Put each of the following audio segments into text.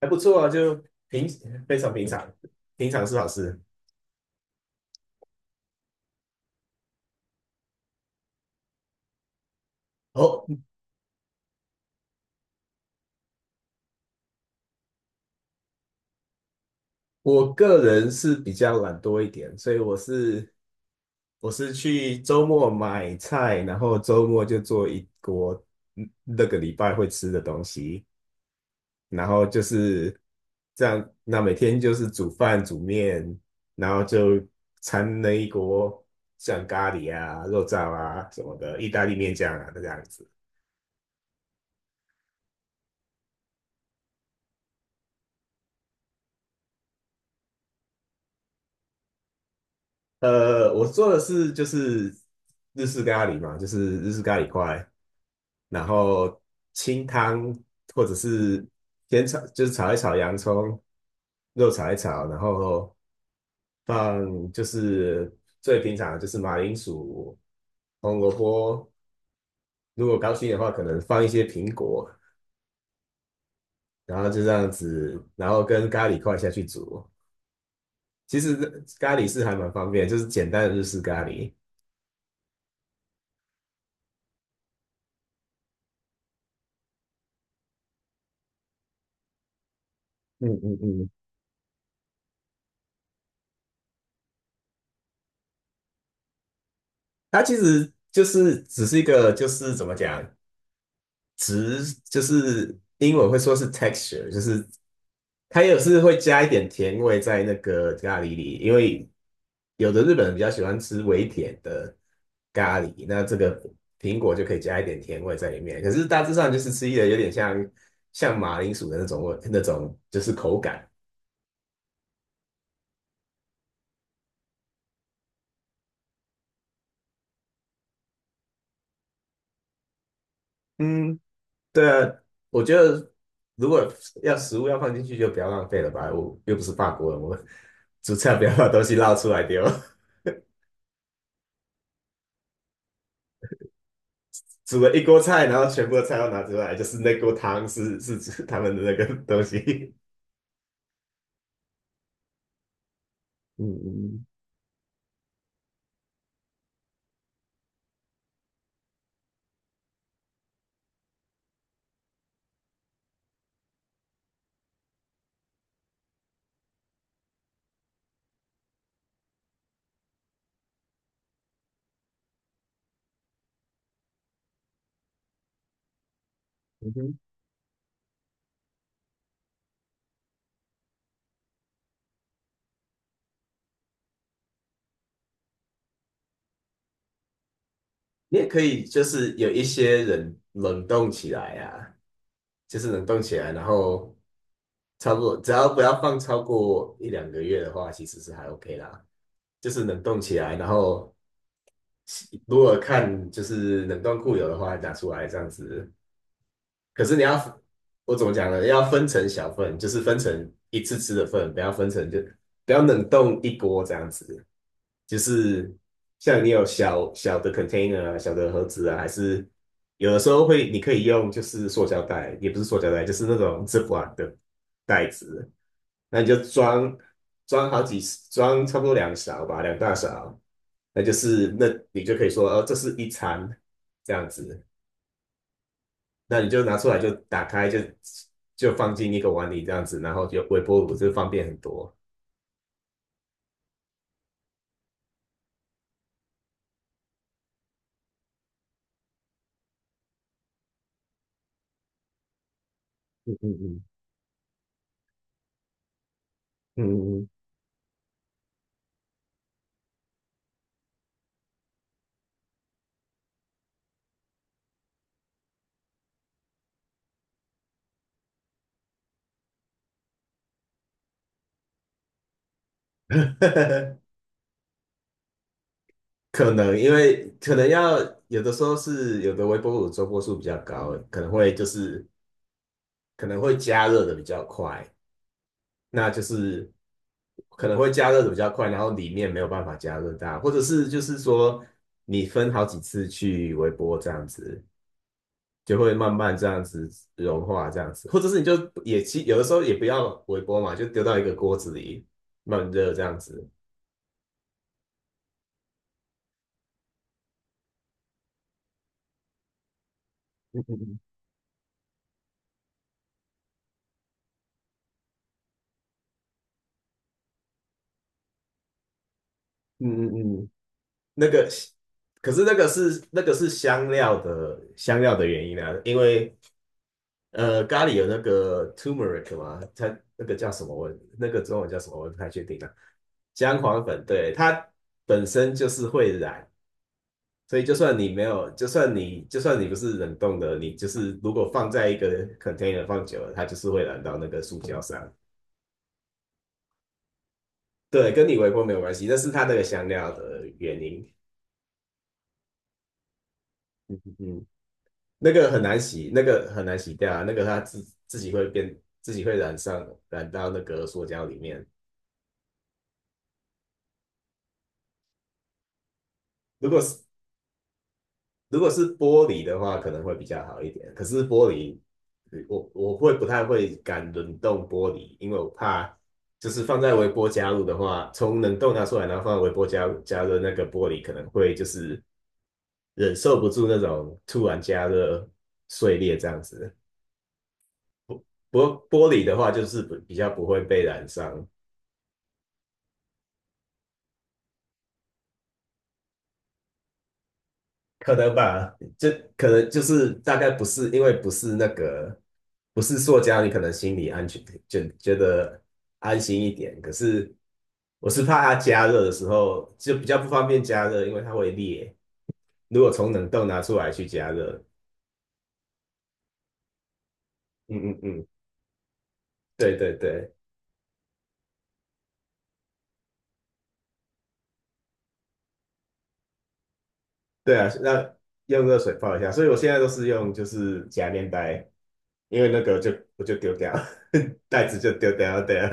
还不错啊，就平非常平常，平常是好事。哦，我个人是比较懒惰一点，所以我是去周末买菜，然后周末就做一锅那个礼拜会吃的东西，然后就是这样，那每天就是煮饭煮面，然后就掺了一锅像咖喱啊、肉燥啊什么的，意大利面酱啊这样子。我做的是就是日式咖喱嘛，就是日式咖喱块，然后清汤或者是先炒，就是炒一炒洋葱，肉炒一炒，然后放就是最平常的就是马铃薯、红萝卜，如果高兴的话，可能放一些苹果，然后就这样子，然后跟咖喱块下去煮。其实咖喱是还蛮方便，就是简单的日式咖喱。嗯嗯嗯，它其实就是只是一个，就是怎么讲，直就是英文会说是 texture，就是它也是会加一点甜味在那个咖喱里，因为有的日本人比较喜欢吃微甜的咖喱，那这个苹果就可以加一点甜味在里面。可是大致上就是吃起来有点像马铃薯的那种味，那种就是口感。嗯，对啊，我觉得如果要食物要放进去，就不要浪费了吧。我又不是法国人，我煮菜不要把东西捞出来丢。煮了一锅菜，然后全部的菜都拿出来，就是那锅汤是 是指他们的那个东西。嗯嗯嗯哼，你也可以就是有一些人冷冻起来啊，就是冷冻起来，然后差不多只要不要放超过一两个月的话，其实是还 OK 啦。就是冷冻起来，然后如果看就是冷冻库有的话拿出来这样子，可是你要，我怎么讲呢？要分成小份，就是分成一次吃的份，不要分成就不要冷冻一锅这样子。就是像你有小小的 container 啊，小的盒子啊，还是有的时候会，你可以用就是塑胶袋，也不是塑胶袋，就是那种 Ziploc 的袋子，那你就装装好几装差不多两勺吧，两大勺，那你就可以说，哦，这是一餐这样子。那你就拿出来就打开就放进一个碗里这样子，然后就微波炉就方便很多。嗯嗯嗯嗯嗯嗯，可能因为可能要有的时候是有的微波炉周波数比较高，可能会就是可能会加热的比较快，那就是可能会加热的比较快，然后里面没有办法加热到，或者是就是说你分好几次去微波这样子。就会慢慢这样子融化，这样子，或者是你就也其有的时候也不要微波嘛，就丢到一个锅子里慢热这样子。嗯嗯嗯，嗯嗯嗯，那个，可是那个是香料的原因啊，因为咖喱有那个 turmeric 嘛，它那个叫什么我那个中文叫什么我不太确定啊，姜黄粉，对，它本身就是会染，所以就算你没有，就算你就算你不是冷冻的，你就是如果放在一个 container 放久了，它就是会染到那个塑胶上。对，跟你微波没有关系，那是它那个香料的原因。嗯，那个很难洗，那个很难洗掉啊，那个它自己会变，自己会染到那个塑胶里面。如果是如果是玻璃的话，可能会比较好一点。可是玻璃，我会不太会敢冷冻玻璃，因为我怕就是放在微波加热的话，从冷冻拿出来，然后放在微波加热，那个玻璃可能会就是忍受不住那种突然加热碎裂这样子。不过玻璃的话，就是比较不会被染伤。可能吧，就可能就是大概不是因为不是那个不是塑胶，你可能心里安全就觉得安心一点。可是我是怕它加热的时候就比较不方便加热，因为它会裂。如果从冷冻拿出来去加热，嗯嗯嗯，对对对，对啊，那用热水泡一下。所以我现在都是用就是夹面袋，因为那个就我就丢掉，袋子就丢掉，对啊，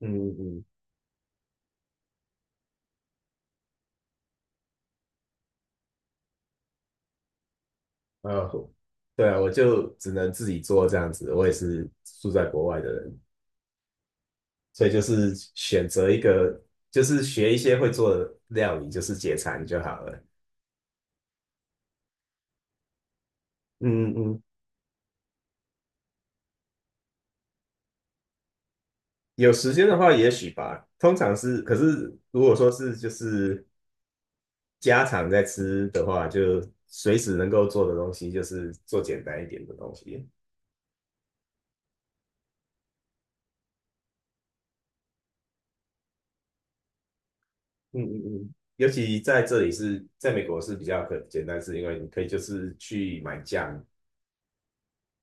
嗯嗯嗯。呃，对啊，我就只能自己做这样子。我也是住在国外的人，所以就是选择一个，就是学一些会做的料理，就是解馋就好了。嗯嗯，有时间的话，也许吧。通常是，可是如果说是就是家常在吃的话，就随时能够做的东西，就是做简单一点的东西。嗯嗯嗯。尤其在这里是，在美国是比较简单，是因为你可以就是去买酱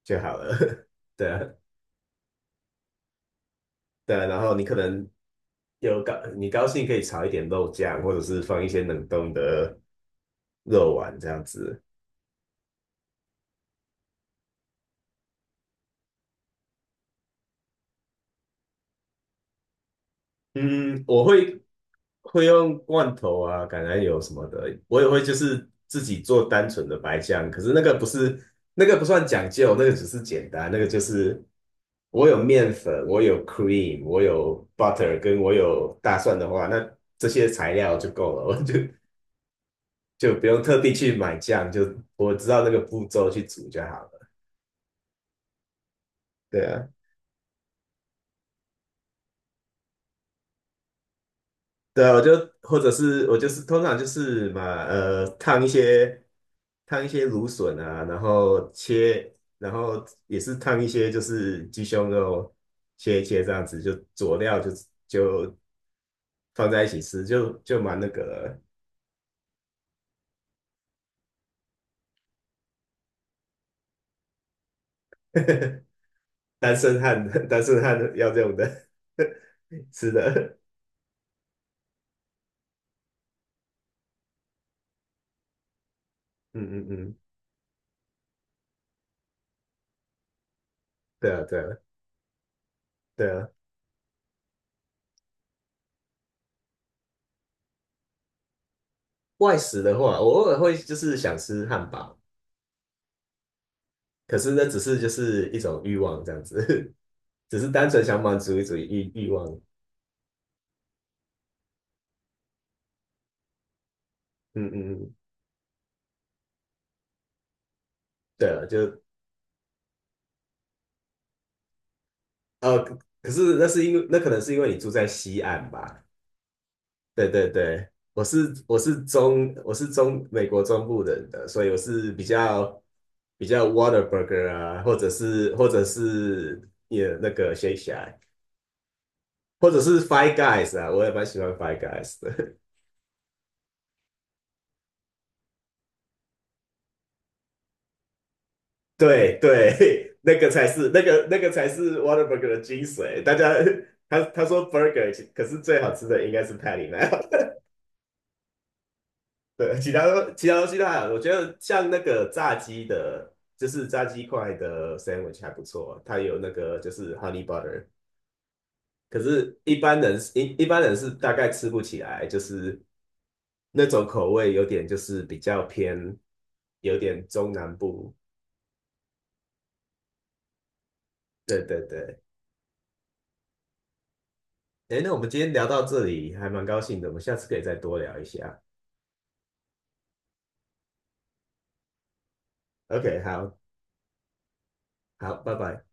就好了。对啊，对啊然后你可能你高兴可以炒一点肉酱，或者是放一些冷冻的肉丸这样子。嗯，我会用罐头啊、橄榄油什么的，我也会就是自己做单纯的白酱，可是那个不算讲究，那个只是简单，那个就是我有面粉，我有 cream，我有 butter，跟我有大蒜的话，那这些材料就够了，我就就不用特地去买酱，就我知道那个步骤去煮就好了。对啊，对啊，我就或者是我就是通常就是嘛，呃，烫一些芦笋啊，然后切，然后也是烫一些就是鸡胸肉，切一切这样子，就佐料就就放在一起吃，就蛮那个了 单身汉要用的 吃的，嗯嗯嗯，对啊对啊对啊。外食的话，我偶尔会就是想吃汉堡，可是那只是就是一种欲望这样子，只是单纯想满足一种欲望。嗯嗯嗯，对了，就呃，可是那是因为那可能是因为你住在西岸吧？对对对，我是中美国中部人的，所以我是比较 Whataburger 啊，或者是也那个 Shake Shack，或者是 Five Guys 啊，我也蛮喜欢 Five Guys 的。对对，那个才是那个那个才是 w a t e r b u r g e r 的精髓。大家他说 burger，可是最好吃的应该是 patty m e l 对，其他东西都还好。我觉得像那个炸鸡的，就是炸鸡块的 sandwich 还不错，它有那个就是 honey butter。可是，一般人是大概吃不起来，就是那种口味有点就是比较偏，有点中南部。对对对。哎，那我们今天聊到这里，还蛮高兴的，我们下次可以再多聊一下。OK，好，好，拜拜。